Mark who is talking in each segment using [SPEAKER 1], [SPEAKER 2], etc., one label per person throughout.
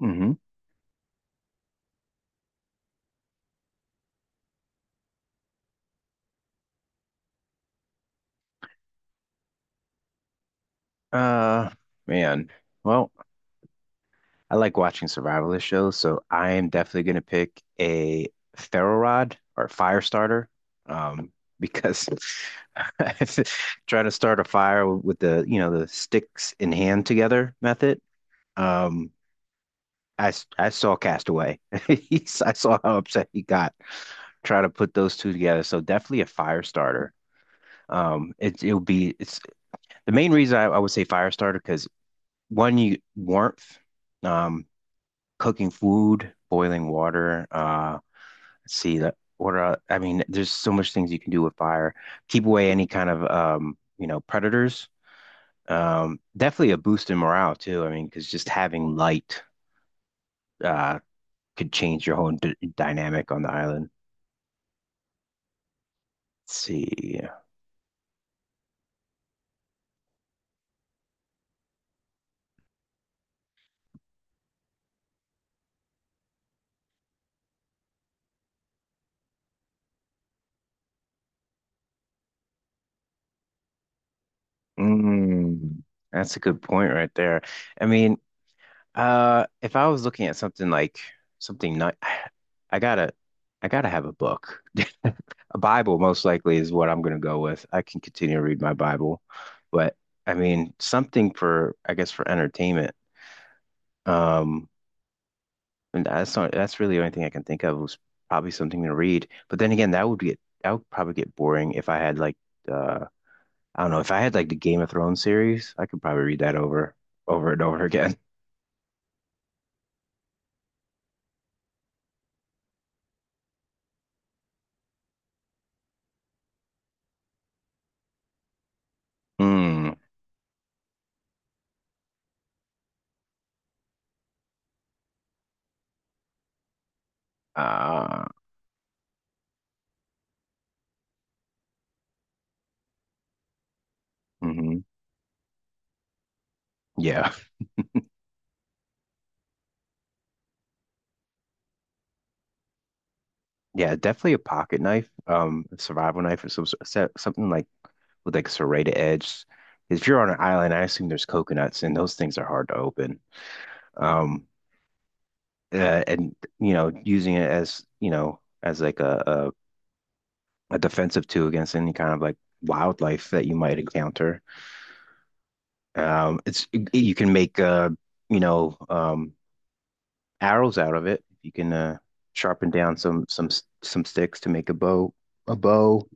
[SPEAKER 1] Hmm. Uh, Man. Well, I like watching survivalist shows, so I am definitely gonna pick a ferro rod or fire starter. Um, because trying to start a fire with the the sticks in hand together method. Um, I saw Castaway. I saw how upset he got trying to put those two together. So definitely a fire starter. It's the main reason I would say fire starter because one you warmth, um, cooking food, boiling water. Let's see that. I mean, there's so much things you can do with fire. Keep away any kind of predators. Definitely a boost in morale too. I mean, because just having light uh could change your whole d dynamic on the island. Let's see. Mm, that's a good point right there. I mean. If I was looking at something like something not, I gotta, I gotta have a book. A Bible most likely is what I'm gonna go with. I can continue to read my Bible, but I mean something for, I guess, for entertainment. Um, and that's not, that's really the only thing I can think of was probably something to read. But then again, that would probably get boring if I had like, uh, I don't know, if I had like the Game of Thrones series, I could probably read that over, over and over again. Hmm. Uh, mhm. Yeah. Yeah, definitely a pocket knife, a survival knife or something like with like serrated edge. If you're on an island, I assume there's coconuts and those things are hard to open. Um, and you know, using it as, you know, as like a defensive tool against any kind of like wildlife that you might encounter. It's you can make you know, um, arrows out of it. You can sharpen down some some sticks to make a bow, a bow.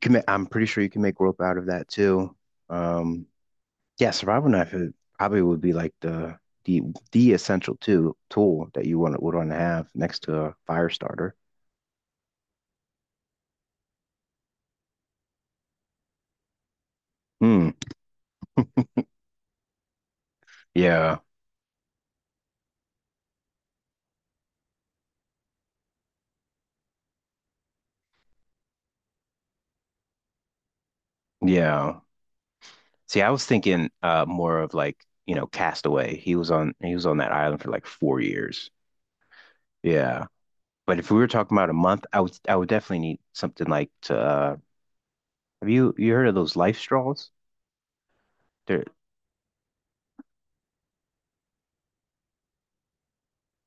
[SPEAKER 1] I'm pretty sure you can make rope out of that too. Um, yeah, survival knife it probably would be like the the essential tool that you want to have next to a fire starter. Hmm. Yeah. Yeah. See, I was thinking more of like, you know, Castaway. He was on that island for like 4 years. Yeah. But if we were talking about a month, I would definitely need something like to have you heard of those life straws?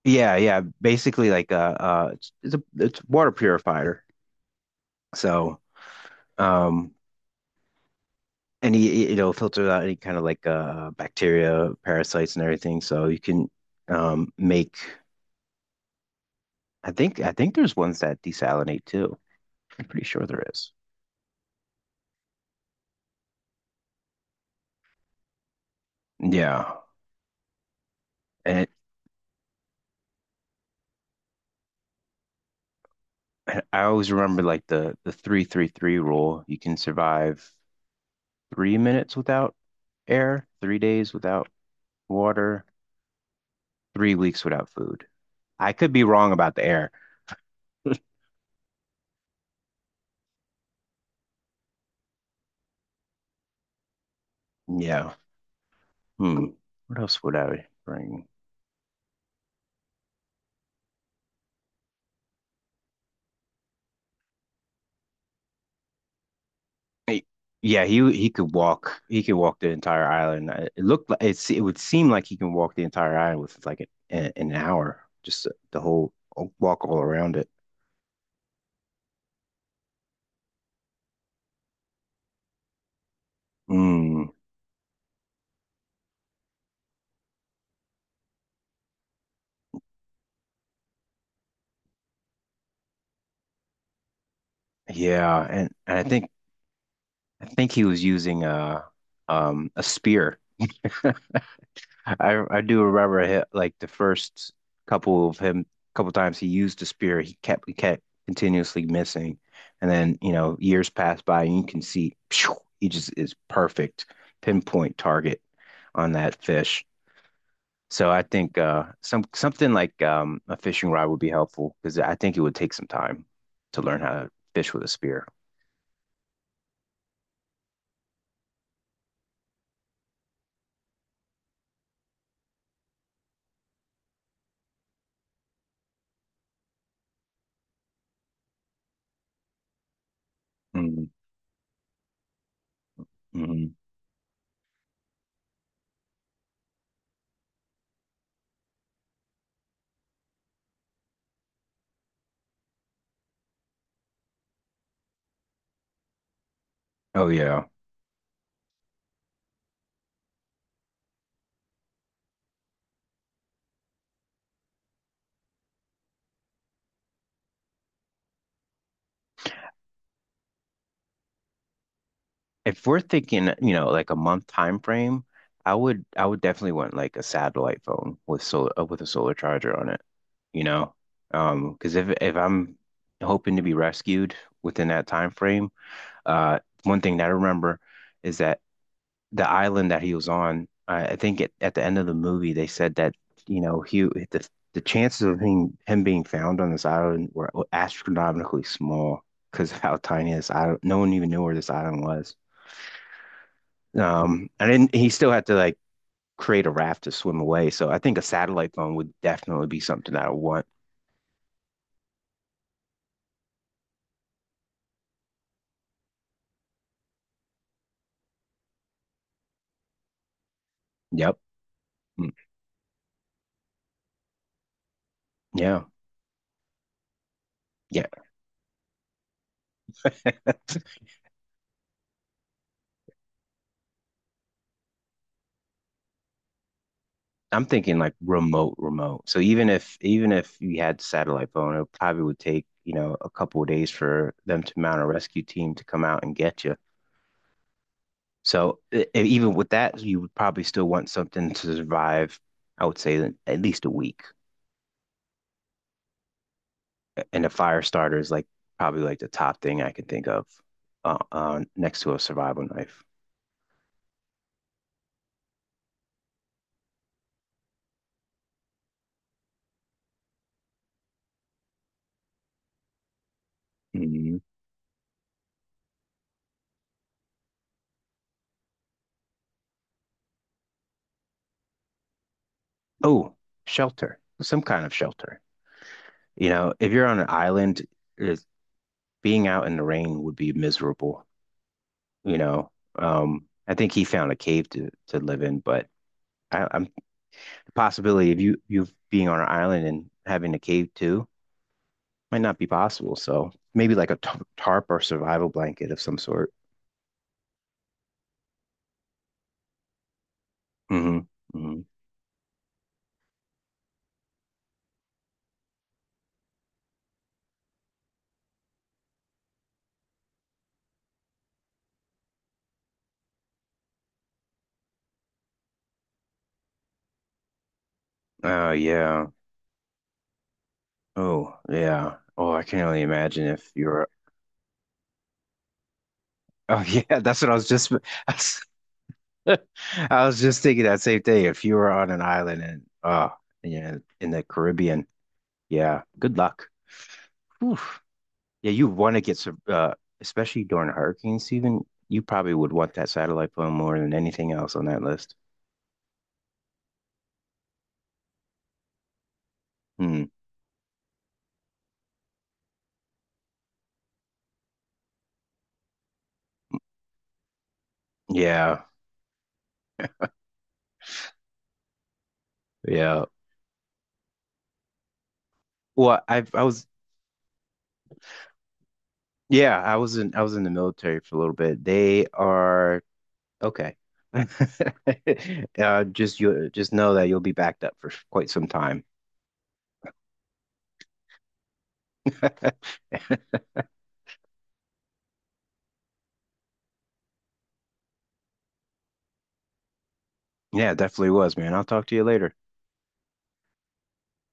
[SPEAKER 1] Yeah, yeah. Basically, like a it's a it's water purifier. So, um, any it'll filter out any kind of like bacteria, parasites, and everything. So you can make. I think there's ones that desalinate too. I'm pretty sure there is. Yeah, and, and I always remember like the three rule. You can survive 3 minutes without air, 3 days without water, 3 weeks without food. I could be wrong about the air. Yeah. Hmm. What else would I bring? Eh, Yeah, he could walk. He could walk the entire island. It looked like it would seem like he can walk the entire island with like an hour, just the whole walk all around it. Mm, yeah, and I think he was using a spear. I do remember him, like the first couple of him couple times he used the spear, he kept continuously missing, and then you know years pass by and you can see phew, he just is perfect pinpoint target on that fish. So I think something like a fishing rod would be helpful because I think it would take some time to learn how to fish with a spear. Hmm. Hmm. Oh yeah. If we're thinking, you know, like a month time frame, I would definitely want like a satellite phone with solar with a solar charger on it, you know? Because if I'm hoping to be rescued within that time frame, uh, one thing that I remember is that the island that he was on. I think at the end of the movie they said that you know he the chances of him being found on this island were astronomically small because of how tiny this island. No one even knew where this island was. And then he still had to like create a raft to swim away. So I think a satellite phone would definitely be something that I would want. Yep. Mm. Yeah. Yeah. I'm thinking like remote, remote. So even if you had satellite phone, it probably would take, you know, a couple of days for them to mount a rescue team to come out and get you. So even with that, you would probably still want something to survive, I would say at least a week. And a fire starter is like probably like the top thing I can think of next to a survival knife. Mhm. Oh, shelter, some kind of shelter. You know, if you're on an island, it's- being out in the rain would be miserable. You know. I think he found a cave to live in, but I'm the possibility of you being on an island and having a cave too might not be possible. So maybe like a tarp or survival blanket of some sort. Hmm. Hmm. Oh yeah. Oh yeah. Oh, I can only imagine if you're. Oh yeah, that's what I was just. I was just thinking that same thing. If you were on an island and oh, yeah, in the Caribbean, yeah, good luck. Oof. Yeah, you want to get some, especially during hurricane season, you probably would want that satellite phone more than anything else on that list. Hmm. Yeah, yeah. Well, I was Yeah, I was in the military for a little bit. They are okay. Just you just know that you'll be backed up for quite some time. Yeah, definitely was, man. I'll talk to you later.